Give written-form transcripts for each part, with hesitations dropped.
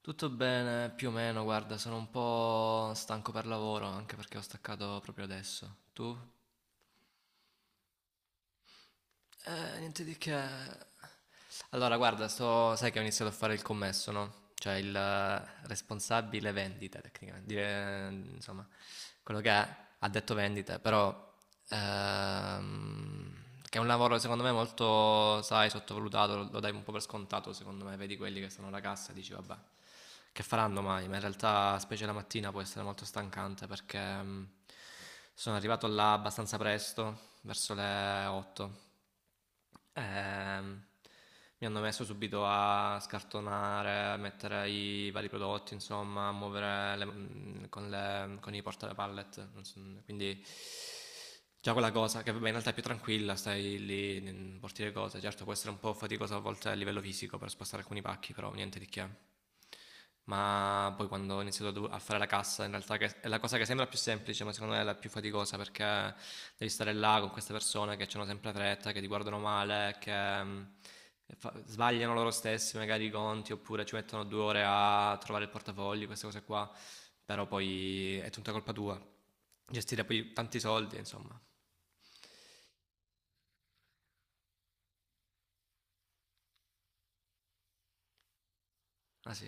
Tutto bene, più o meno, guarda, sono un po' stanco per lavoro, anche perché ho staccato proprio adesso. Tu? Niente di che. Allora, guarda, sai che ho iniziato a fare il commesso, no? Cioè il responsabile vendita, tecnicamente. Insomma, quello che ha detto vendita, però... ehm, che è un lavoro, secondo me, molto, sai, sottovalutato, lo dai un po' per scontato, secondo me. Vedi quelli che sono alla cassa e dici, vabbè, che faranno mai? Ma in realtà, specie la mattina, può essere molto stancante perché sono arrivato là abbastanza presto, verso le 8. Ehm, Mi hanno messo subito a scartonare, a mettere i vari prodotti, insomma, a muovere con i porta pallet. Non so. Quindi già quella cosa, che vabbè in realtà è più tranquilla, stai lì, porti le cose. Certo può essere un po' faticoso a volte a livello fisico per spostare alcuni pacchi, però niente di che. Ma poi quando ho iniziato a fare la cassa, in realtà che è la cosa che sembra più semplice, ma secondo me è la più faticosa perché devi stare là con queste persone che hanno sempre fretta, che ti guardano male, che sbagliano loro stessi magari i conti oppure ci mettono due ore a trovare il portafogli, queste cose qua, però poi è tutta colpa tua. Gestire poi tanti soldi, insomma. Ah sì?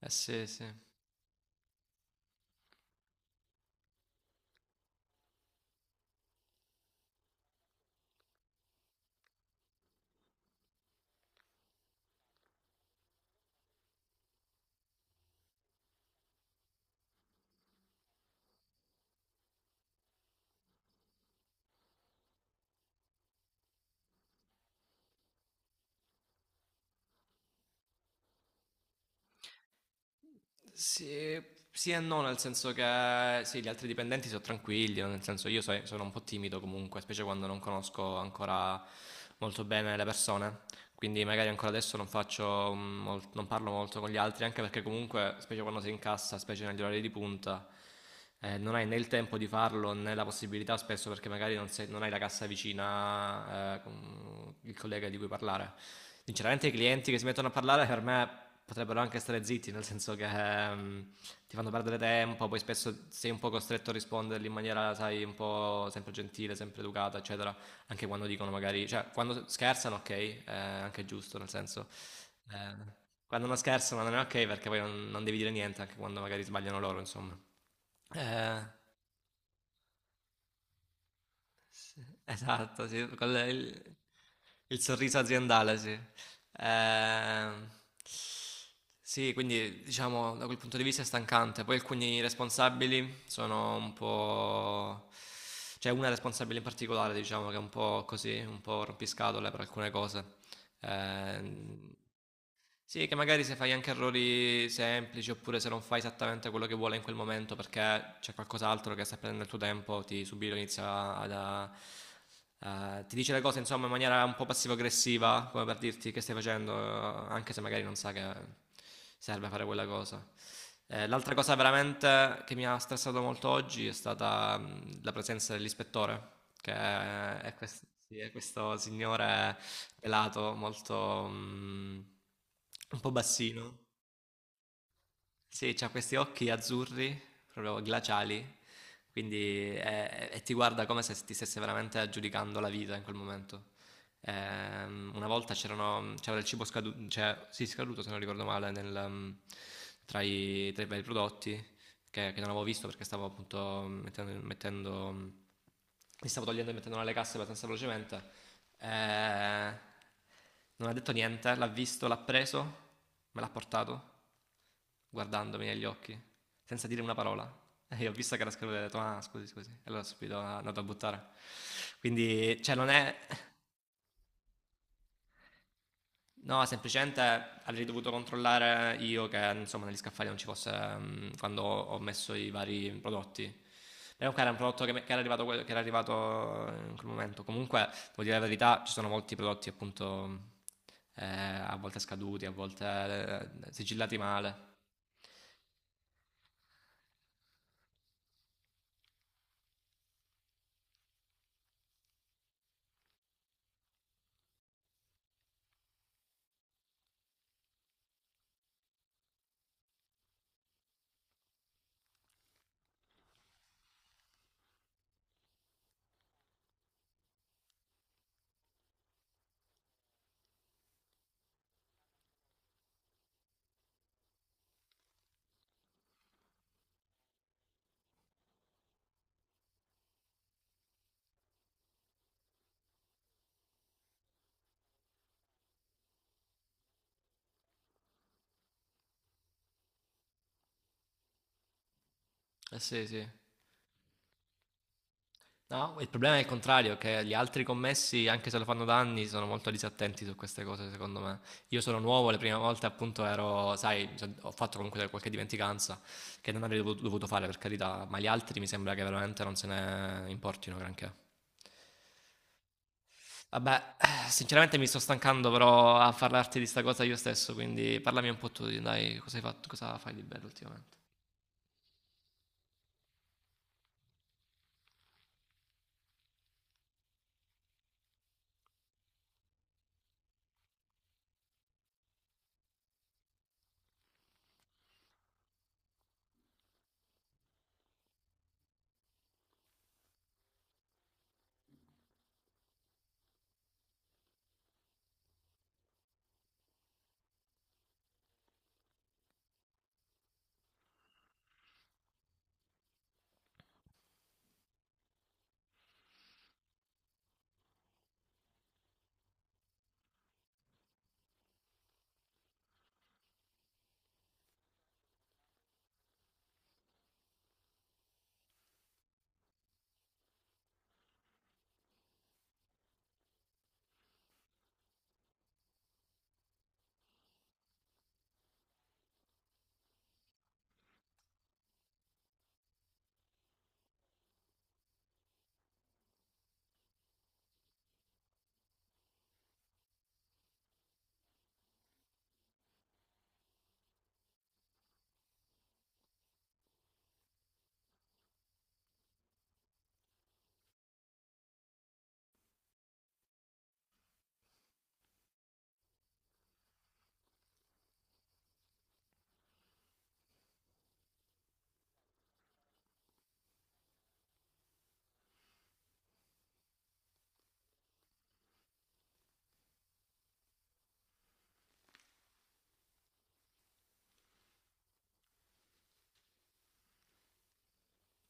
Eh sì, sì. Sì, sì e no, nel senso che sì, gli altri dipendenti sono tranquilli, nel senso io sono un po' timido comunque, specie quando non conosco ancora molto bene le persone. Quindi magari ancora adesso non faccio non parlo molto con gli altri, anche perché comunque, specie quando sei in cassa, specie negli orari di punta, non hai né il tempo di farlo né la possibilità spesso perché magari non hai la cassa vicina, con il collega di cui parlare. Sinceramente i clienti che si mettono a parlare per me potrebbero anche stare zitti, nel senso che ti fanno perdere tempo, poi spesso sei un po' costretto a risponderli in maniera, sai, un po' sempre gentile, sempre educata, eccetera, anche quando dicono magari, cioè quando scherzano ok, anche è giusto, nel senso, eh, quando non scherzano non è ok perché poi non devi dire niente anche quando magari sbagliano loro, insomma. Eh, esatto, sì, con il sorriso aziendale, sì. Ehm, sì, quindi diciamo da quel punto di vista è stancante. Poi alcuni responsabili sono un po'... C'è una responsabile in particolare, diciamo, che è un po' così, un po' rompiscatole per alcune cose. Ehm, sì, che magari se fai anche errori semplici, oppure se non fai esattamente quello che vuole in quel momento perché c'è qualcos'altro che sta prendendo il tuo tempo, ti subito inizia ad, a- a- ti dice le cose insomma in maniera un po' passivo-aggressiva, come per dirti che stai facendo, anche se magari non sa che serve fare quella cosa. L'altra cosa veramente che mi ha stressato molto oggi è stata la presenza dell'ispettore, sì, è questo signore pelato, molto... un po' bassino. Sì, ha questi occhi azzurri, proprio glaciali, quindi e ti guarda come se ti stesse veramente giudicando la vita in quel momento. Una volta c'era del cibo scaduto, cioè, sì, scaduto se non ricordo male, tra tra i vari prodotti che non avevo visto perché stavo appunto mi stavo togliendo e mettendo nelle casse abbastanza velocemente. Eh, Non ha detto niente, l'ha visto, l'ha preso, me l'ha portato, guardandomi negli occhi, senza dire una parola. E io ho visto che era scaduto e ho detto, ah, scusi, scusi. E allora subito è andato a buttare. Quindi, cioè, non è. No, semplicemente avrei dovuto controllare io che insomma negli scaffali non ci fosse quando ho messo i vari prodotti. Però comunque era un prodotto che era arrivato in quel momento. Comunque, devo dire la verità, ci sono molti prodotti appunto a volte scaduti, a volte sigillati male. Eh sì, sì. No, il problema è il contrario, che gli altri commessi, anche se lo fanno da anni, sono molto disattenti su queste cose, secondo me. Io sono nuovo, le prime volte appunto ero, sai, ho fatto comunque qualche dimenticanza che non avrei dovuto fare per carità, ma gli altri mi sembra che veramente non se ne importino granché. Vabbè, sinceramente mi sto stancando però a parlarti di sta cosa io stesso, quindi parlami un po' tu, dai, cosa hai fatto, cosa fai di bello ultimamente?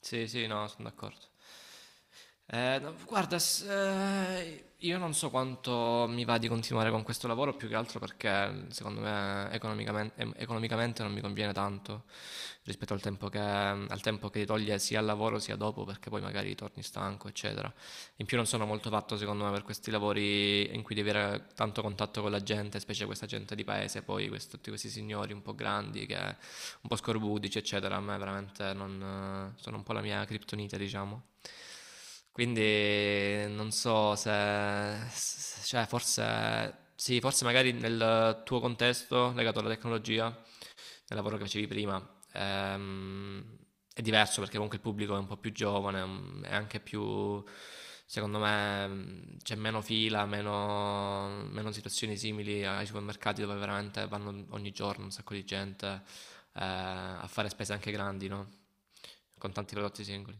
Sì, sì, no, sono d'accordo. No, guarda, io non so quanto mi va di continuare con questo lavoro, più che altro perché secondo me economicamente, non mi conviene tanto rispetto al tempo al tempo che ti toglie sia al lavoro sia dopo, perché poi magari torni stanco, eccetera. In più non sono molto fatto secondo me per questi lavori in cui devi avere tanto contatto con la gente, specie questa gente di paese, poi tutti questi signori un po' grandi, che un po' scorbudici, eccetera. A me veramente non, sono un po' la mia criptonite, diciamo. Quindi non so se, cioè forse, sì, forse magari nel tuo contesto legato alla tecnologia nel lavoro che facevi prima. È diverso perché comunque il pubblico è un po' più giovane, è anche più, secondo me, c'è meno fila, meno situazioni simili ai supermercati dove veramente vanno ogni giorno un sacco di gente a fare spese anche grandi, no? Con tanti prodotti singoli.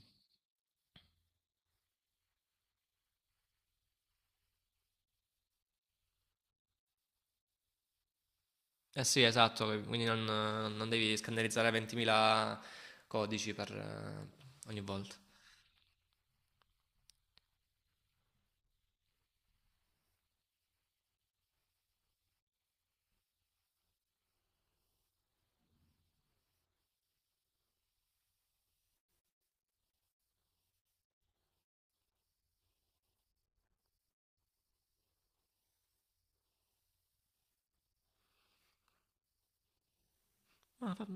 Eh sì, esatto, quindi non devi scannerizzare 20.000 codici per ogni volta. Ma fa-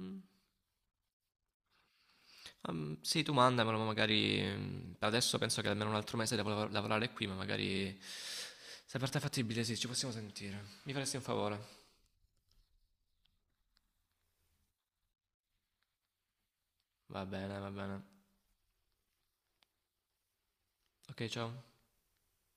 Sì, tu mandamelo, ma magari adesso penso che almeno un altro mese devo lavorare qui, ma magari se per te è fattibile, sì, ci possiamo sentire. Mi faresti un favore? Va bene, va bene. Ok, ciao.